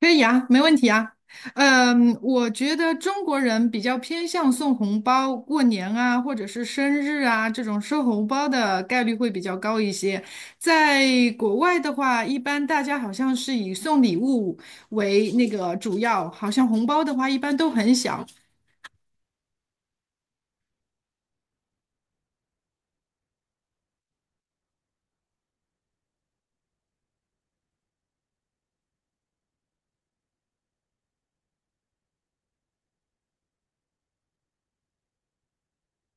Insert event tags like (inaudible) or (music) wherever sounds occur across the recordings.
可以啊，没问题啊。我觉得中国人比较偏向送红包，过年啊，或者是生日啊，这种收红包的概率会比较高一些。在国外的话，一般大家好像是以送礼物为那个主要，好像红包的话一般都很小。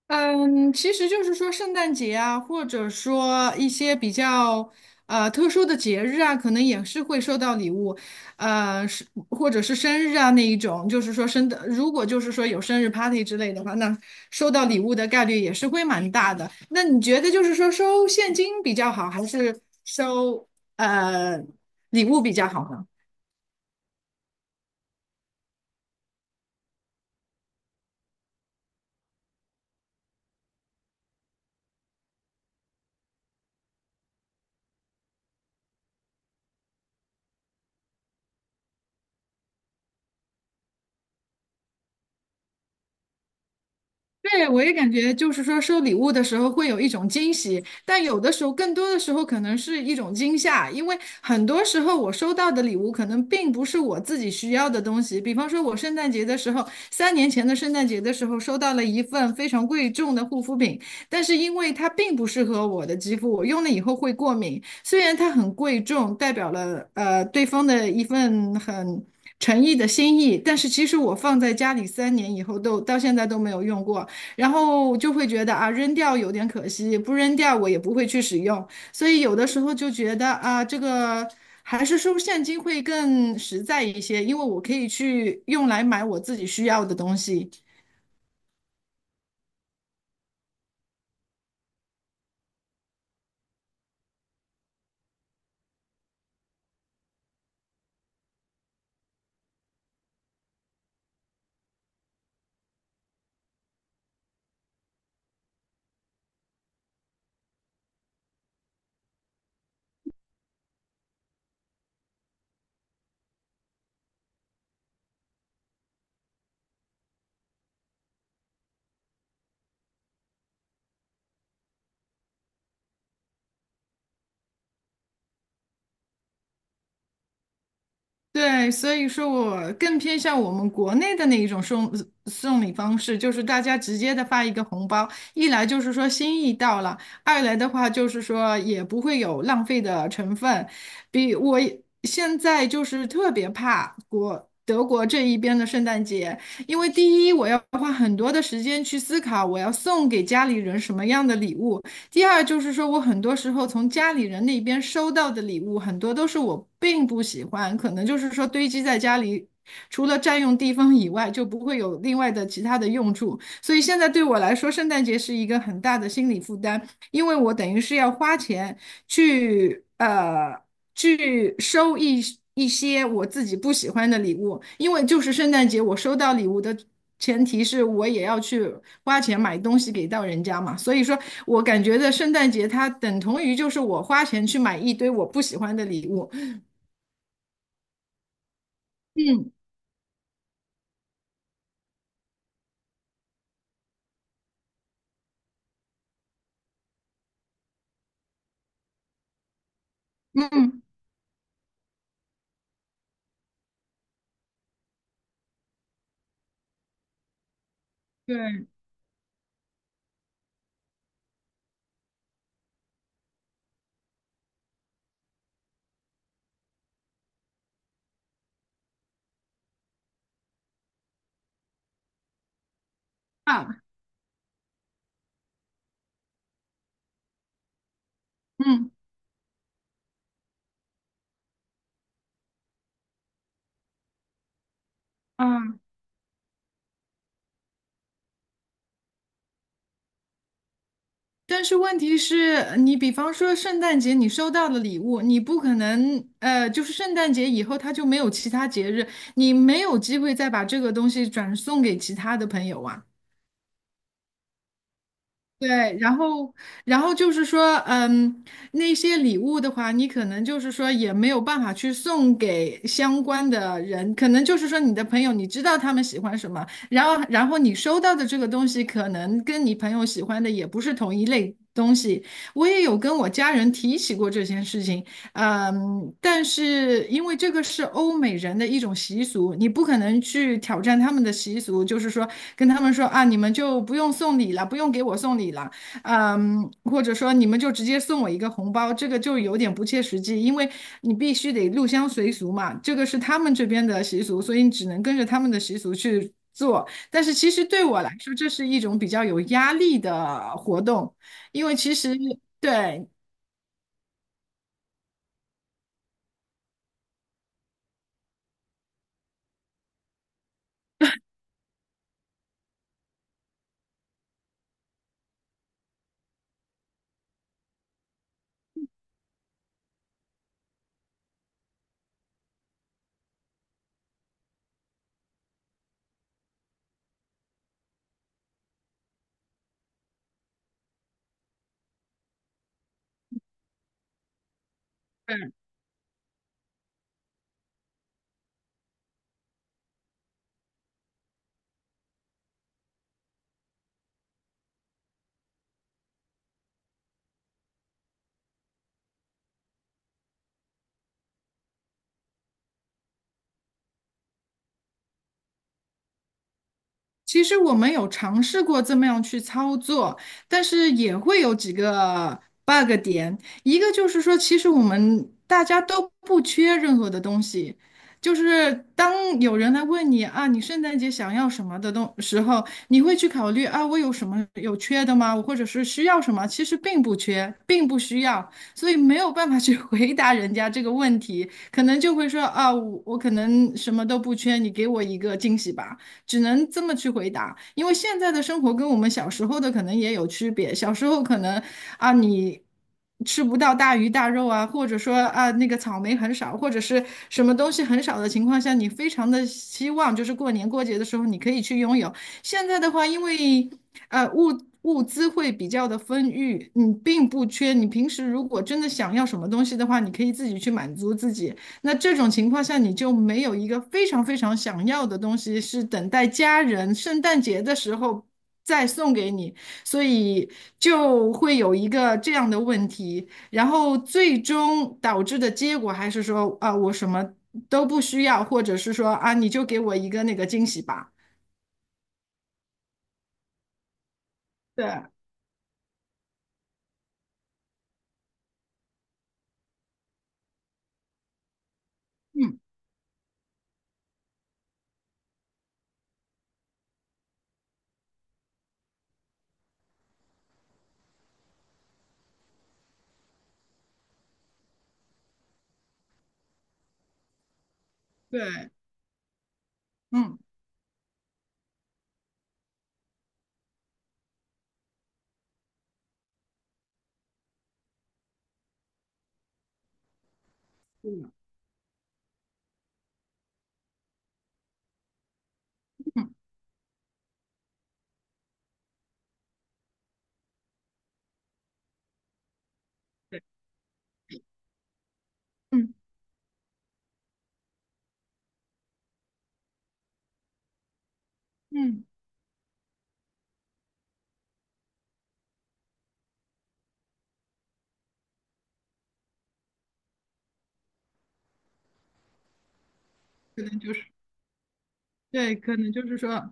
嗯，其实就是说圣诞节啊，或者说一些比较特殊的节日啊，可能也是会收到礼物，呃，是或者是生日啊那一种，就是说生的，如果就是说有生日 party 之类的话，那收到礼物的概率也是会蛮大的。那你觉得就是说收现金比较好，还是收呃礼物比较好呢？对，我也感觉就是说收礼物的时候会有一种惊喜，但有的时候更多的时候可能是一种惊吓，因为很多时候我收到的礼物可能并不是我自己需要的东西。比方说，我圣诞节的时候，3年前的圣诞节的时候收到了一份非常贵重的护肤品，但是因为它并不适合我的肌肤，我用了以后会过敏。虽然它很贵重，代表了对方的一份很诚意的心意，但是其实我放在家里三年以后都到现在都没有用过，然后就会觉得啊，扔掉有点可惜，不扔掉我也不会去使用，所以有的时候就觉得啊，这个还是收现金会更实在一些，因为我可以去用来买我自己需要的东西。对，所以说我更偏向我们国内的那一种送礼方式，就是大家直接的发一个红包，一来就是说心意到了，二来的话就是说也不会有浪费的成分。比我也现在就是特别怕德国这一边的圣诞节，因为第一我要花很多的时间去思考我要送给家里人什么样的礼物，第二就是说我很多时候从家里人那边收到的礼物，很多都是我并不喜欢，可能就是说堆积在家里。除了占用地方以外，就不会有另外的其他的用处，所以现在对我来说，圣诞节是一个很大的心理负担。因为我等于是要花钱去去收一些我自己不喜欢的礼物，因为就是圣诞节我收到礼物的前提是我也要去花钱买东西给到人家嘛，所以说我感觉的圣诞节它等同于就是我花钱去买一堆我不喜欢的礼物。嗯嗯，对啊，嗯啊。但是问题是，你比方说圣诞节你收到了礼物，你不可能，就是圣诞节以后它就没有其他节日，你没有机会再把这个东西转送给其他的朋友啊。对，然后，然后就是说，那些礼物的话，你可能就是说也没有办法去送给相关的人，可能就是说你的朋友，你知道他们喜欢什么，然后，然后你收到的这个东西，可能跟你朋友喜欢的也不是同一类东西。我也有跟我家人提起过这件事情。嗯，但是因为这个是欧美人的一种习俗，你不可能去挑战他们的习俗，就是说跟他们说啊，你们就不用送礼了，不用给我送礼了，嗯，或者说你们就直接送我一个红包，这个就有点不切实际，因为你必须得入乡随俗嘛，这个是他们这边的习俗，所以你只能跟着他们的习俗去做。但是其实对我来说，这是一种比较有压力的活动，因为其实。对，其实我们有尝试过这么样去操作，但是也会有几个 bug 点。一个就是说，其实我们大家都不缺任何的东西，就是当有人来问你啊，你圣诞节想要什么的东时候，你会去考虑啊，我有什么有缺的吗？我或者是需要什么？其实并不缺，并不需要，所以没有办法去 (laughs) 回答人家这个问题，可能就会说啊，我可能什么都不缺，你给我一个惊喜吧。只能这么去回答，因为现在的生活跟我们小时候的可能也有区别。小时候可能啊，你吃不到大鱼大肉啊，或者说啊那个草莓很少，或者是什么东西很少的情况下，你非常的希望就是过年过节的时候你可以去拥有。现在的话，因为呃物物资会比较的丰裕，你并不缺。你平时如果真的想要什么东西的话，你可以自己去满足自己。那这种情况下，你就没有一个非常非常想要的东西，是等待家人圣诞节的时候再送给你，所以就会有一个这样的问题。然后最终导致的结果还是说，啊，我什么都不需要，或者是说，啊，你就给我一个那个惊喜吧。对，嗯，对，嗯，对，嗯嗯，可能就是，对，可能就是说。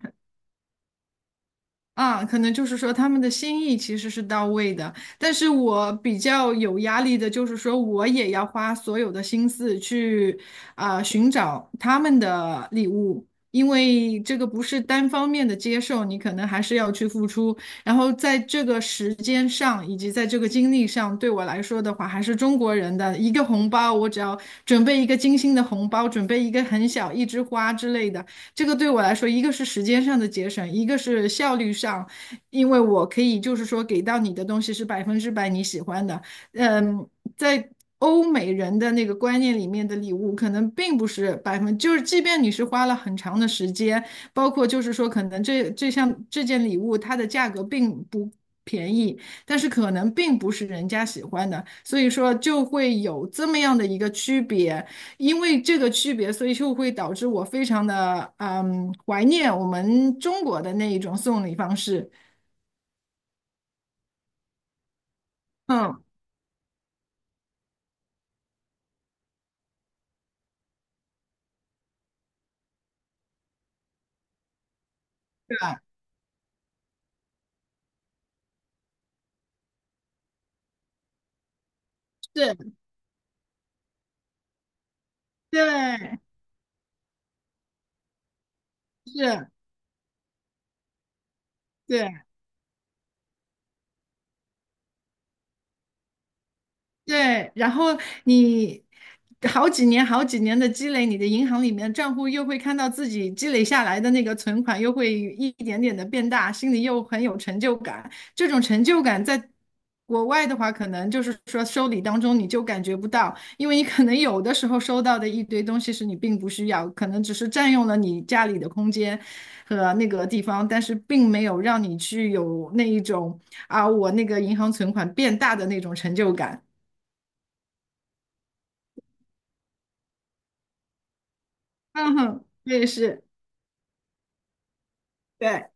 啊，可能就是说他们的心意其实是到位的，但是我比较有压力的就是说，我也要花所有的心思去啊、寻找他们的礼物，因为这个不是单方面的接受，你可能还是要去付出。然后在这个时间上以及在这个精力上，对我来说的话，还是中国人的一个红包，我只要准备一个精心的红包，准备一个很小一枝花之类的。这个对我来说，一个是时间上的节省，一个是效率上，因为我可以就是说给到你的东西是100%你喜欢的。嗯，在欧美人的那个观念里面的礼物，可能并不是百分，就是即便你是花了很长的时间，包括就是说可能这件礼物它的价格并不便宜，但是可能并不是人家喜欢的，所以说就会有这么样的一个区别。因为这个区别，所以就会导致我非常的怀念我们中国的那一种送礼方式。嗯，是，对，是，对。对，然后你好几年、好几年的积累，你的银行里面账户又会看到自己积累下来的那个存款，又会一点点的变大，心里又很有成就感。这种成就感在国外的话，可能就是说收礼当中你就感觉不到，因为你可能有的时候收到的一堆东西是你并不需要，可能只是占用了你家里的空间和那个地方，但是并没有让你去有那一种啊，我那个银行存款变大的那种成就感。嗯哼，我也是，对，